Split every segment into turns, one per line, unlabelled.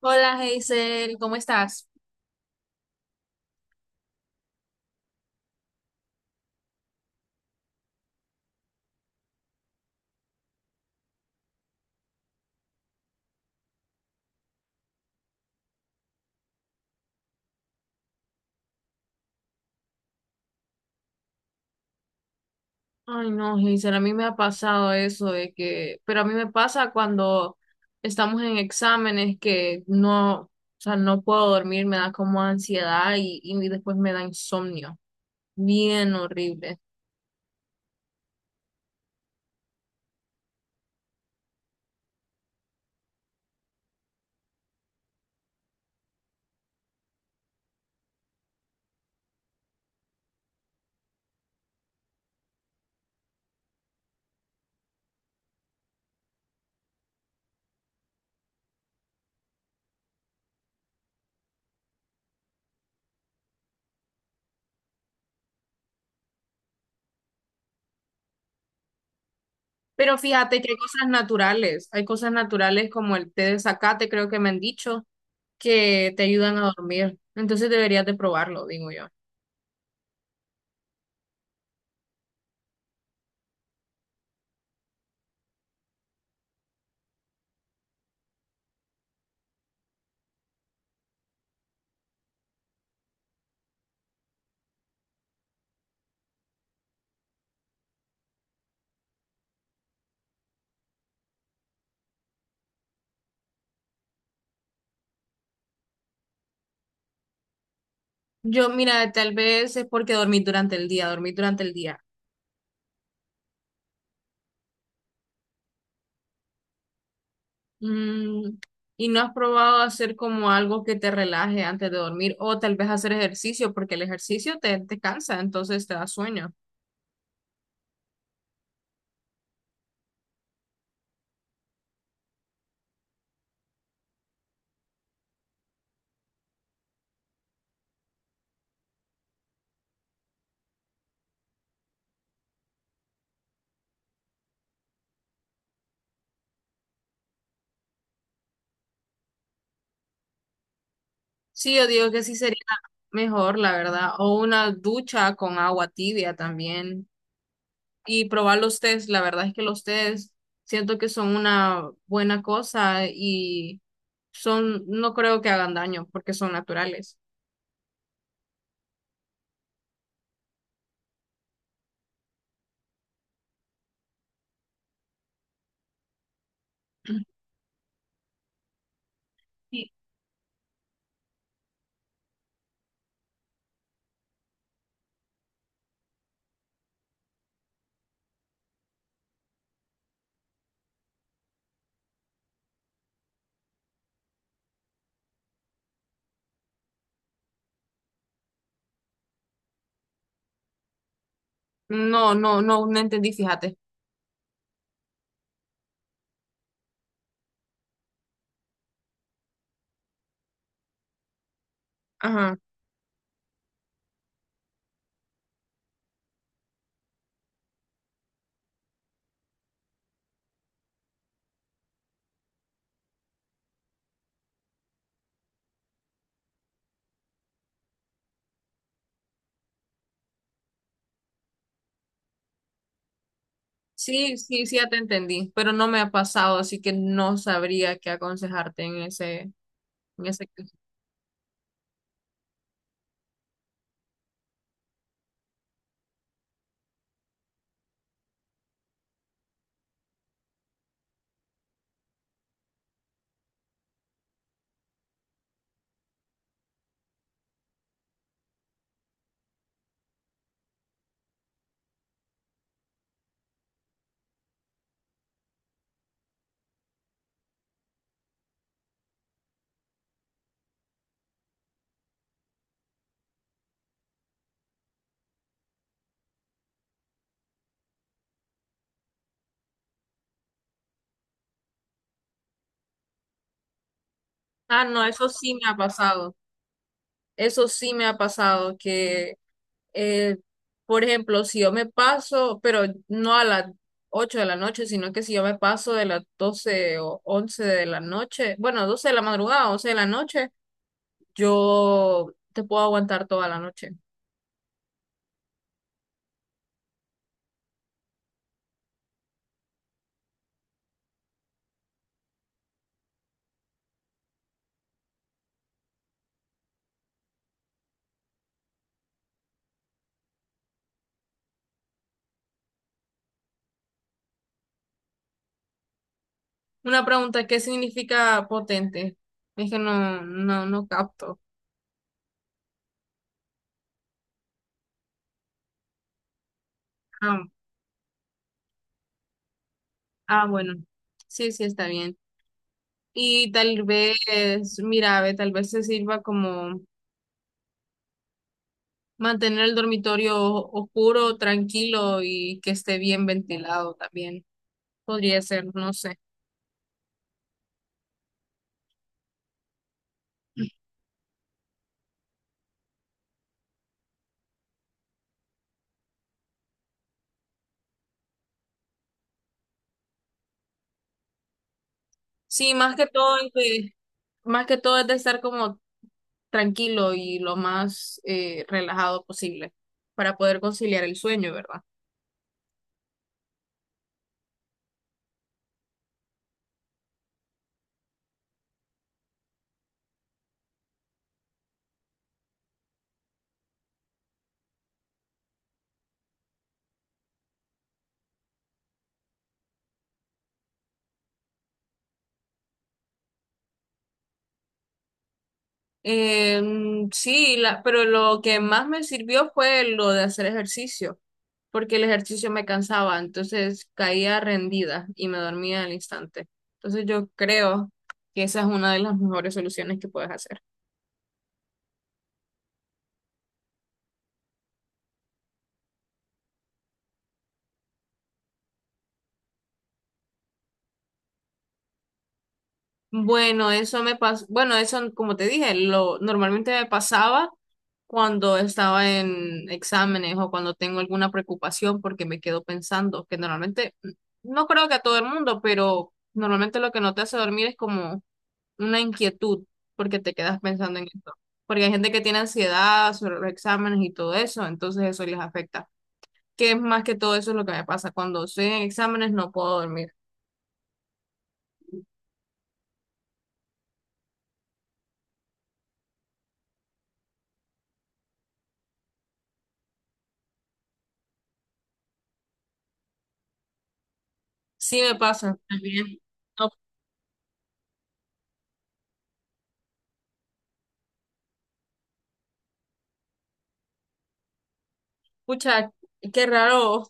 Hola, Hazel, ¿cómo estás? Ay, no, Hazel, a mí me ha pasado eso de que, pero a mí me pasa cuando estamos en exámenes que no, o sea, no puedo dormir, me da como ansiedad y después me da insomnio, bien horrible. Pero fíjate que hay cosas naturales como el té de zacate, creo que me han dicho, que te ayudan a dormir. Entonces deberías de probarlo, digo yo. Yo, mira, tal vez es porque dormí durante el día, dormí durante el día. Mm, ¿Y no has probado hacer como algo que te relaje antes de dormir o tal vez hacer ejercicio porque el ejercicio te cansa, entonces te da sueño? Sí, yo digo que sí sería mejor, la verdad, o una ducha con agua tibia también y probar los tés, la verdad es que los tés siento que son una buena cosa y son, no creo que hagan daño porque son naturales. Sí. No, no, no, entendí, fíjate. Ajá. Sí, sí, sí, ya te entendí, pero no me ha pasado, así que no sabría qué aconsejarte en ese, en ese caso. Ah, no, eso sí me ha pasado. Eso sí me ha pasado que, eh, por ejemplo, si yo me paso, pero no a las 8 de la noche, sino que si yo me paso de las 12 o 11 de la noche, bueno, 12 de la madrugada, 11 de la noche, yo te puedo aguantar toda la noche. Una pregunta, ¿qué significa potente? Es que no, capto. Ah. Ah, bueno, sí, sí, está bien. Y tal vez, mira, ve, tal vez se sirva como mantener el dormitorio oscuro, tranquilo y que esté bien ventilado también. Podría ser, no sé. Sí, más que todo, más que todo es de estar como tranquilo y lo más relajado posible para poder conciliar el sueño, ¿verdad? eh sí, pero lo que más me sirvió fue lo de hacer ejercicio, porque el ejercicio me cansaba, entonces caía rendida y me dormía al instante. Entonces yo creo que esa es una de las mejores soluciones que puedes hacer. Bueno, eso me pasó, bueno, eso como te dije, lo normalmente me pasaba cuando estaba en exámenes o cuando tengo alguna preocupación porque me quedo pensando, que normalmente, no creo que a todo el mundo, pero normalmente lo que no te hace dormir es como una inquietud porque te quedas pensando en esto. Porque hay gente que tiene ansiedad sobre los exámenes y todo eso, entonces eso les afecta. Que es más que todo eso es lo que me pasa. Cuando estoy en exámenes no puedo dormir. Sí me pasa también. No, pucha, qué raro,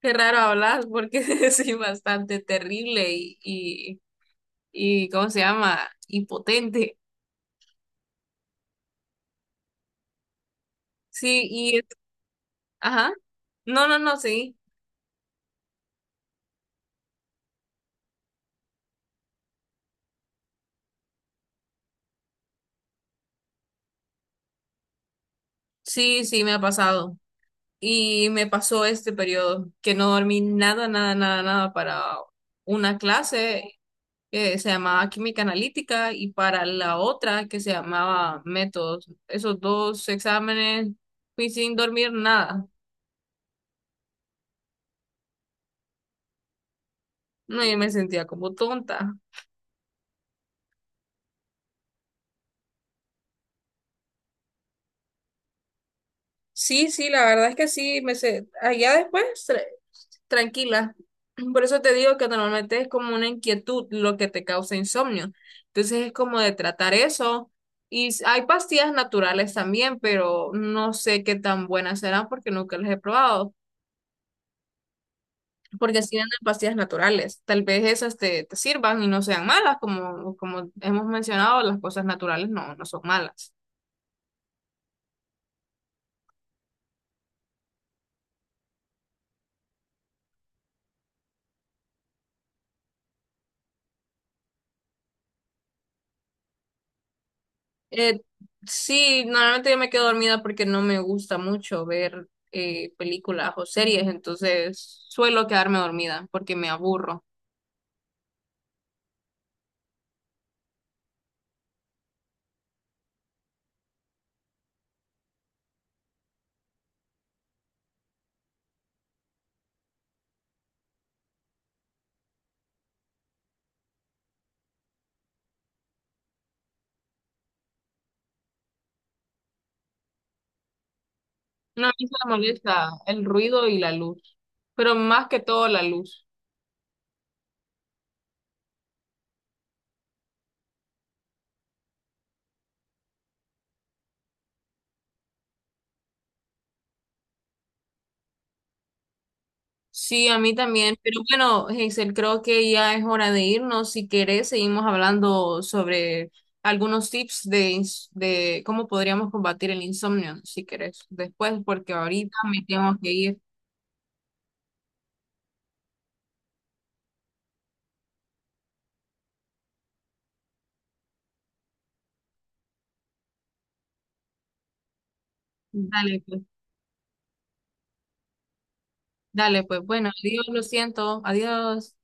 qué raro hablar porque soy bastante terrible y ¿cómo se llama? Impotente. Sí, y, ajá. No, no, no, sí. Sí, sí, me ha pasado. Y me pasó este periodo que no dormí nada, nada, nada, nada para una clase que se llamaba química analítica y para la otra que se llamaba métodos. Esos dos exámenes fui sin dormir nada. No, yo me sentía como tonta. Sí, sí, la verdad es que sí, allá después tranquila. Por eso te digo que normalmente es como una inquietud lo que te causa insomnio. Entonces es como de tratar eso. Y hay pastillas naturales también, pero no sé qué tan buenas serán porque nunca las he probado. Porque así venden pastillas naturales. Tal vez esas te sirvan y no sean malas, como, como hemos mencionado, las cosas naturales no son malas. Eh, sí, normalmente yo me quedo dormida porque no me gusta mucho ver películas o series, entonces suelo quedarme dormida porque me aburro. No, a mí solo me molesta el ruido y la luz, pero más que todo la luz. Sí, a mí también, pero bueno, Hazel, creo que ya es hora de irnos. Si querés, seguimos hablando sobre algunos tips de, de cómo podríamos combatir el insomnio, si querés, después, porque ahorita me tengo que ir. Dale, pues. Dale, pues bueno, adiós, lo siento, adiós.